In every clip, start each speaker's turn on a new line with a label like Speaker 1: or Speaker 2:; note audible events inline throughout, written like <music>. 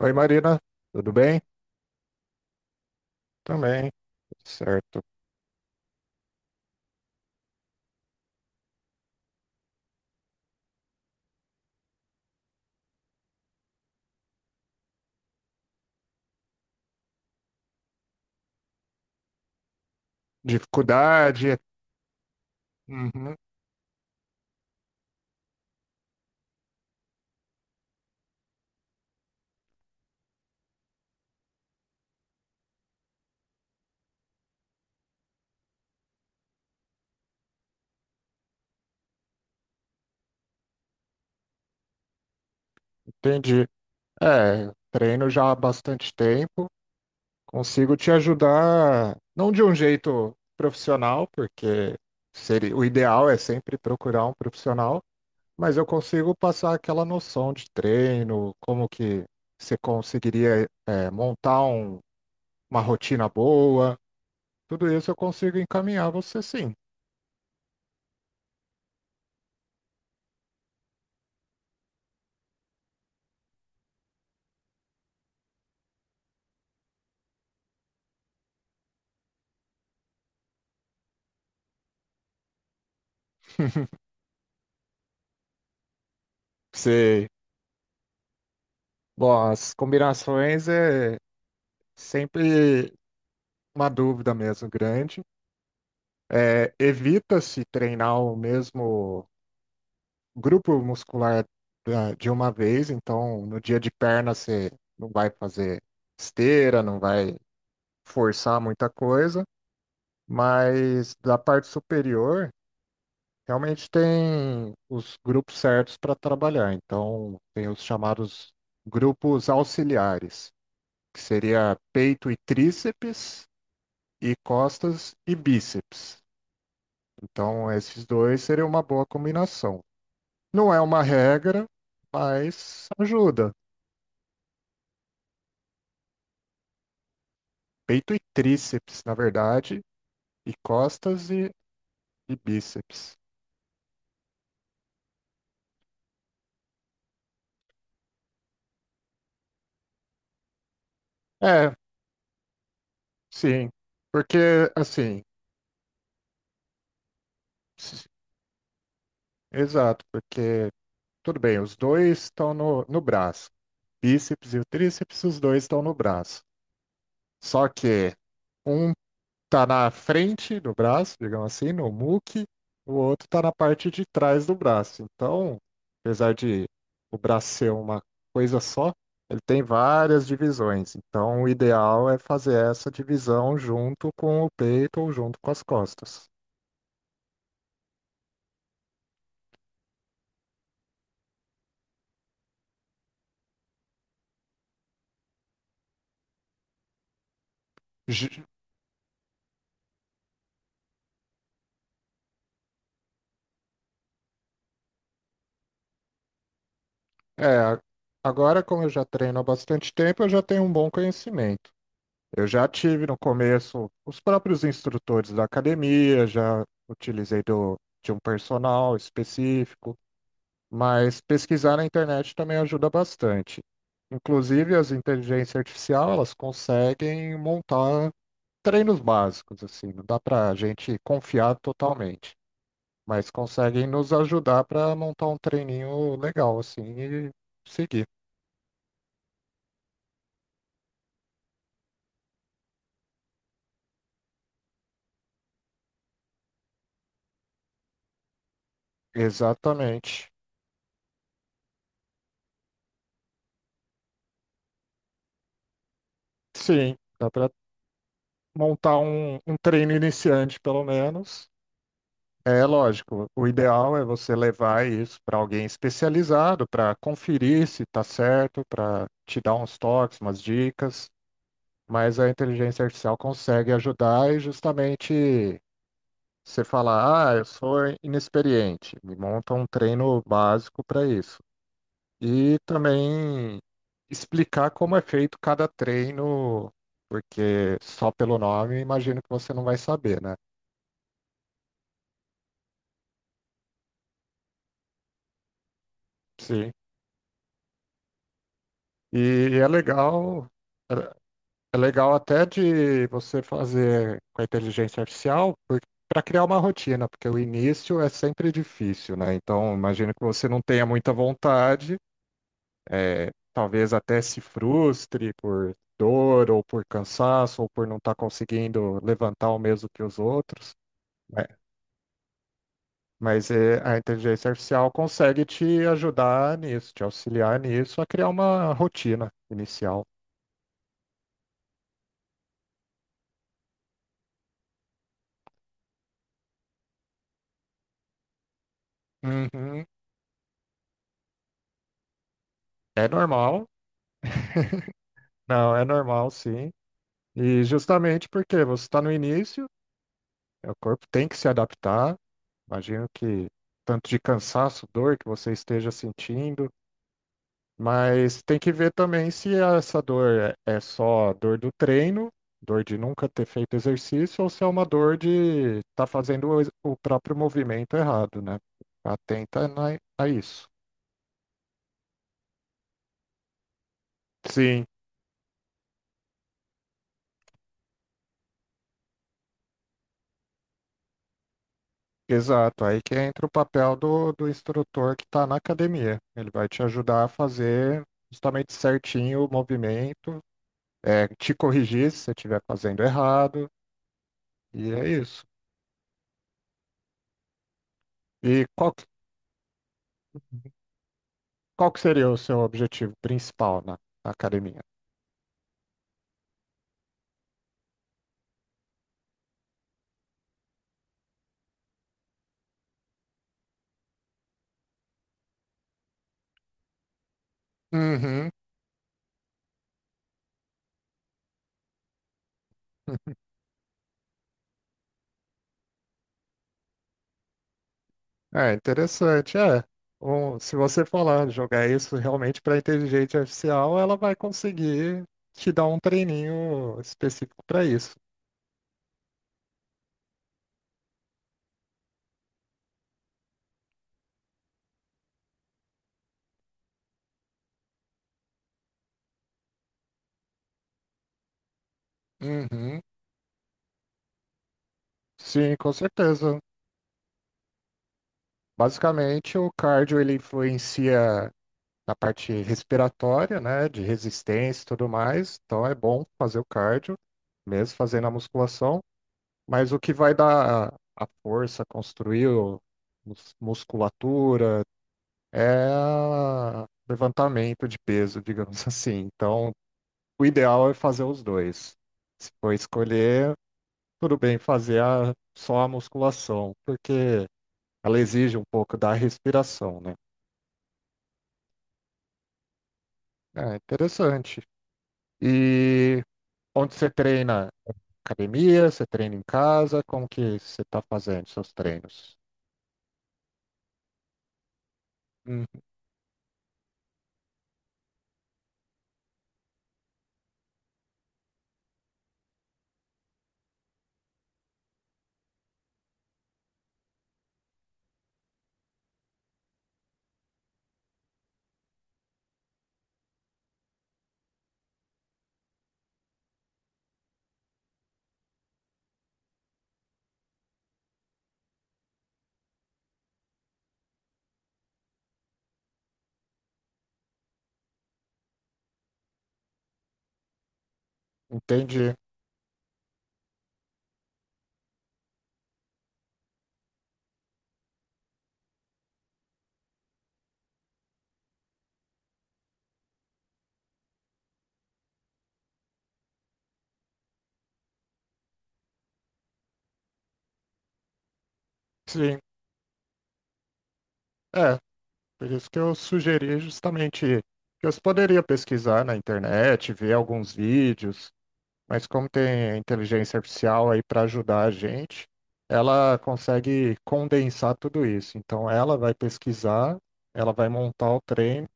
Speaker 1: Oi, Marina, tudo bem? Também, certo. Dificuldade, uhum, entendi. Treino já há bastante tempo, consigo te ajudar, não de um jeito profissional, porque seria, o ideal é sempre procurar um profissional, mas eu consigo passar aquela noção de treino, como que você conseguiria, montar uma rotina boa, tudo isso eu consigo encaminhar você sim. Você Bom, as combinações é sempre uma dúvida mesmo grande. Evita-se treinar o mesmo grupo muscular de uma vez, então no dia de perna você não vai fazer esteira, não vai forçar muita coisa, mas da parte superior realmente tem os grupos certos para trabalhar, então tem os chamados grupos auxiliares, que seria peito e tríceps, e costas e bíceps. Então, esses dois seriam uma boa combinação. Não é uma regra, mas ajuda. Peito e tríceps, na verdade, e costas e bíceps. É, sim. Porque, assim, s- Exato, porque, tudo bem, os dois estão no braço. Bíceps e o tríceps, os dois estão no braço. Só que um tá na frente do braço, digamos assim, no muque, o outro tá na parte de trás do braço. Então, apesar de o braço ser uma coisa só, ele tem várias divisões. Então, o ideal é fazer essa divisão junto com o peito ou junto com as costas. Ju- É, agora, como eu já treino há bastante tempo, eu já tenho um bom conhecimento. Eu já tive no começo os próprios instrutores da academia, já utilizei de um personal específico, mas pesquisar na internet também ajuda bastante. Inclusive, as inteligências artificiais, elas conseguem montar treinos básicos, assim, não dá para a gente confiar totalmente, mas conseguem nos ajudar para montar um treininho legal, assim, e seguir. Exatamente. Sim, dá para montar um treino iniciante, pelo menos. É lógico, o ideal é você levar isso para alguém especializado para conferir se está certo, para te dar uns toques, umas dicas, mas a inteligência artificial consegue ajudar e justamente você falar, ah, eu sou inexperiente, me monta um treino básico para isso. E também explicar como é feito cada treino, porque só pelo nome imagino que você não vai saber, né? Sim. E é legal. é É legal até de você fazer com a inteligência artificial, para criar uma rotina, porque o início é sempre difícil, né? Então, imagino que você não tenha muita vontade, talvez até se frustre por dor, ou por cansaço, ou por não estar conseguindo levantar o mesmo que os outros, né? Mas a inteligência artificial consegue te ajudar nisso, te auxiliar nisso, a criar uma rotina inicial. Uhum. É normal. Não, é normal, sim. E justamente porque você está no início, o corpo tem que se adaptar. Imagino que tanto de cansaço, dor que você esteja sentindo, mas tem que ver também se essa dor é só dor do treino, dor de nunca ter feito exercício, ou se é uma dor de estar fazendo o o próprio movimento errado, né? Atenta a isso. Sim, exato, aí que entra o papel do instrutor que está na academia. Ele vai te ajudar a fazer justamente certinho o movimento, te corrigir se você estiver fazendo errado, e é isso. E qual, que- Qual que seria o seu objetivo principal na academia? Uhum. É interessante, é. Um, se você falar, jogar isso realmente para a inteligência artificial, ela vai conseguir te dar um treininho específico para isso. Uhum. Sim, com certeza. Basicamente, o cardio ele influencia na parte respiratória, né, de resistência e tudo mais. Então é bom fazer o cardio, mesmo fazendo a musculação. Mas o que vai dar a força, construir musculatura, é levantamento de peso, digamos <laughs> assim. Então, o ideal é fazer os dois. Se for escolher, tudo bem fazer só a musculação, porque ela exige um pouco da respiração, né? Ah, interessante. E onde você treina? Academia? Você treina em casa? Como que você está fazendo seus treinos? Hum, entendi. Sim, é. Por isso que eu sugeri justamente que você poderia pesquisar na internet, ver alguns vídeos, mas como tem a inteligência artificial aí para ajudar a gente, ela consegue condensar tudo isso. Então ela vai pesquisar, ela vai montar o treino.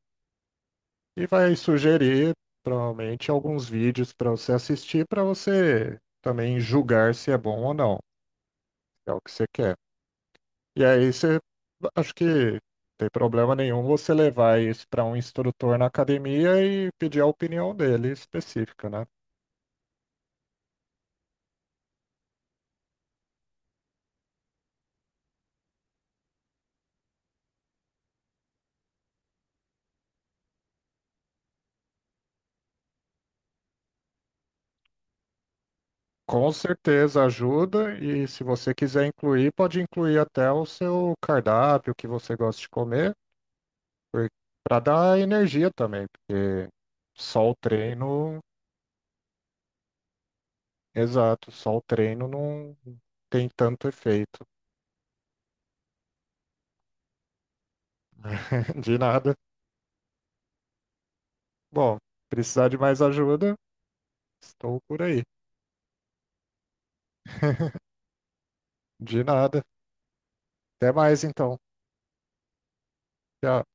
Speaker 1: E vai sugerir, provavelmente, alguns vídeos para você assistir, para você também julgar se é bom ou não. É o que você quer. E aí você, acho que não tem problema nenhum você levar isso para um instrutor na academia e pedir a opinião dele específica, né? Com certeza ajuda, e se você quiser incluir, pode incluir até o seu cardápio, o que você gosta de comer, para dar energia também, porque só o treino... Exato, só o treino não tem tanto efeito. <laughs> De nada. Bom, precisar de mais ajuda, estou por aí. De nada. Até mais então. Tchau.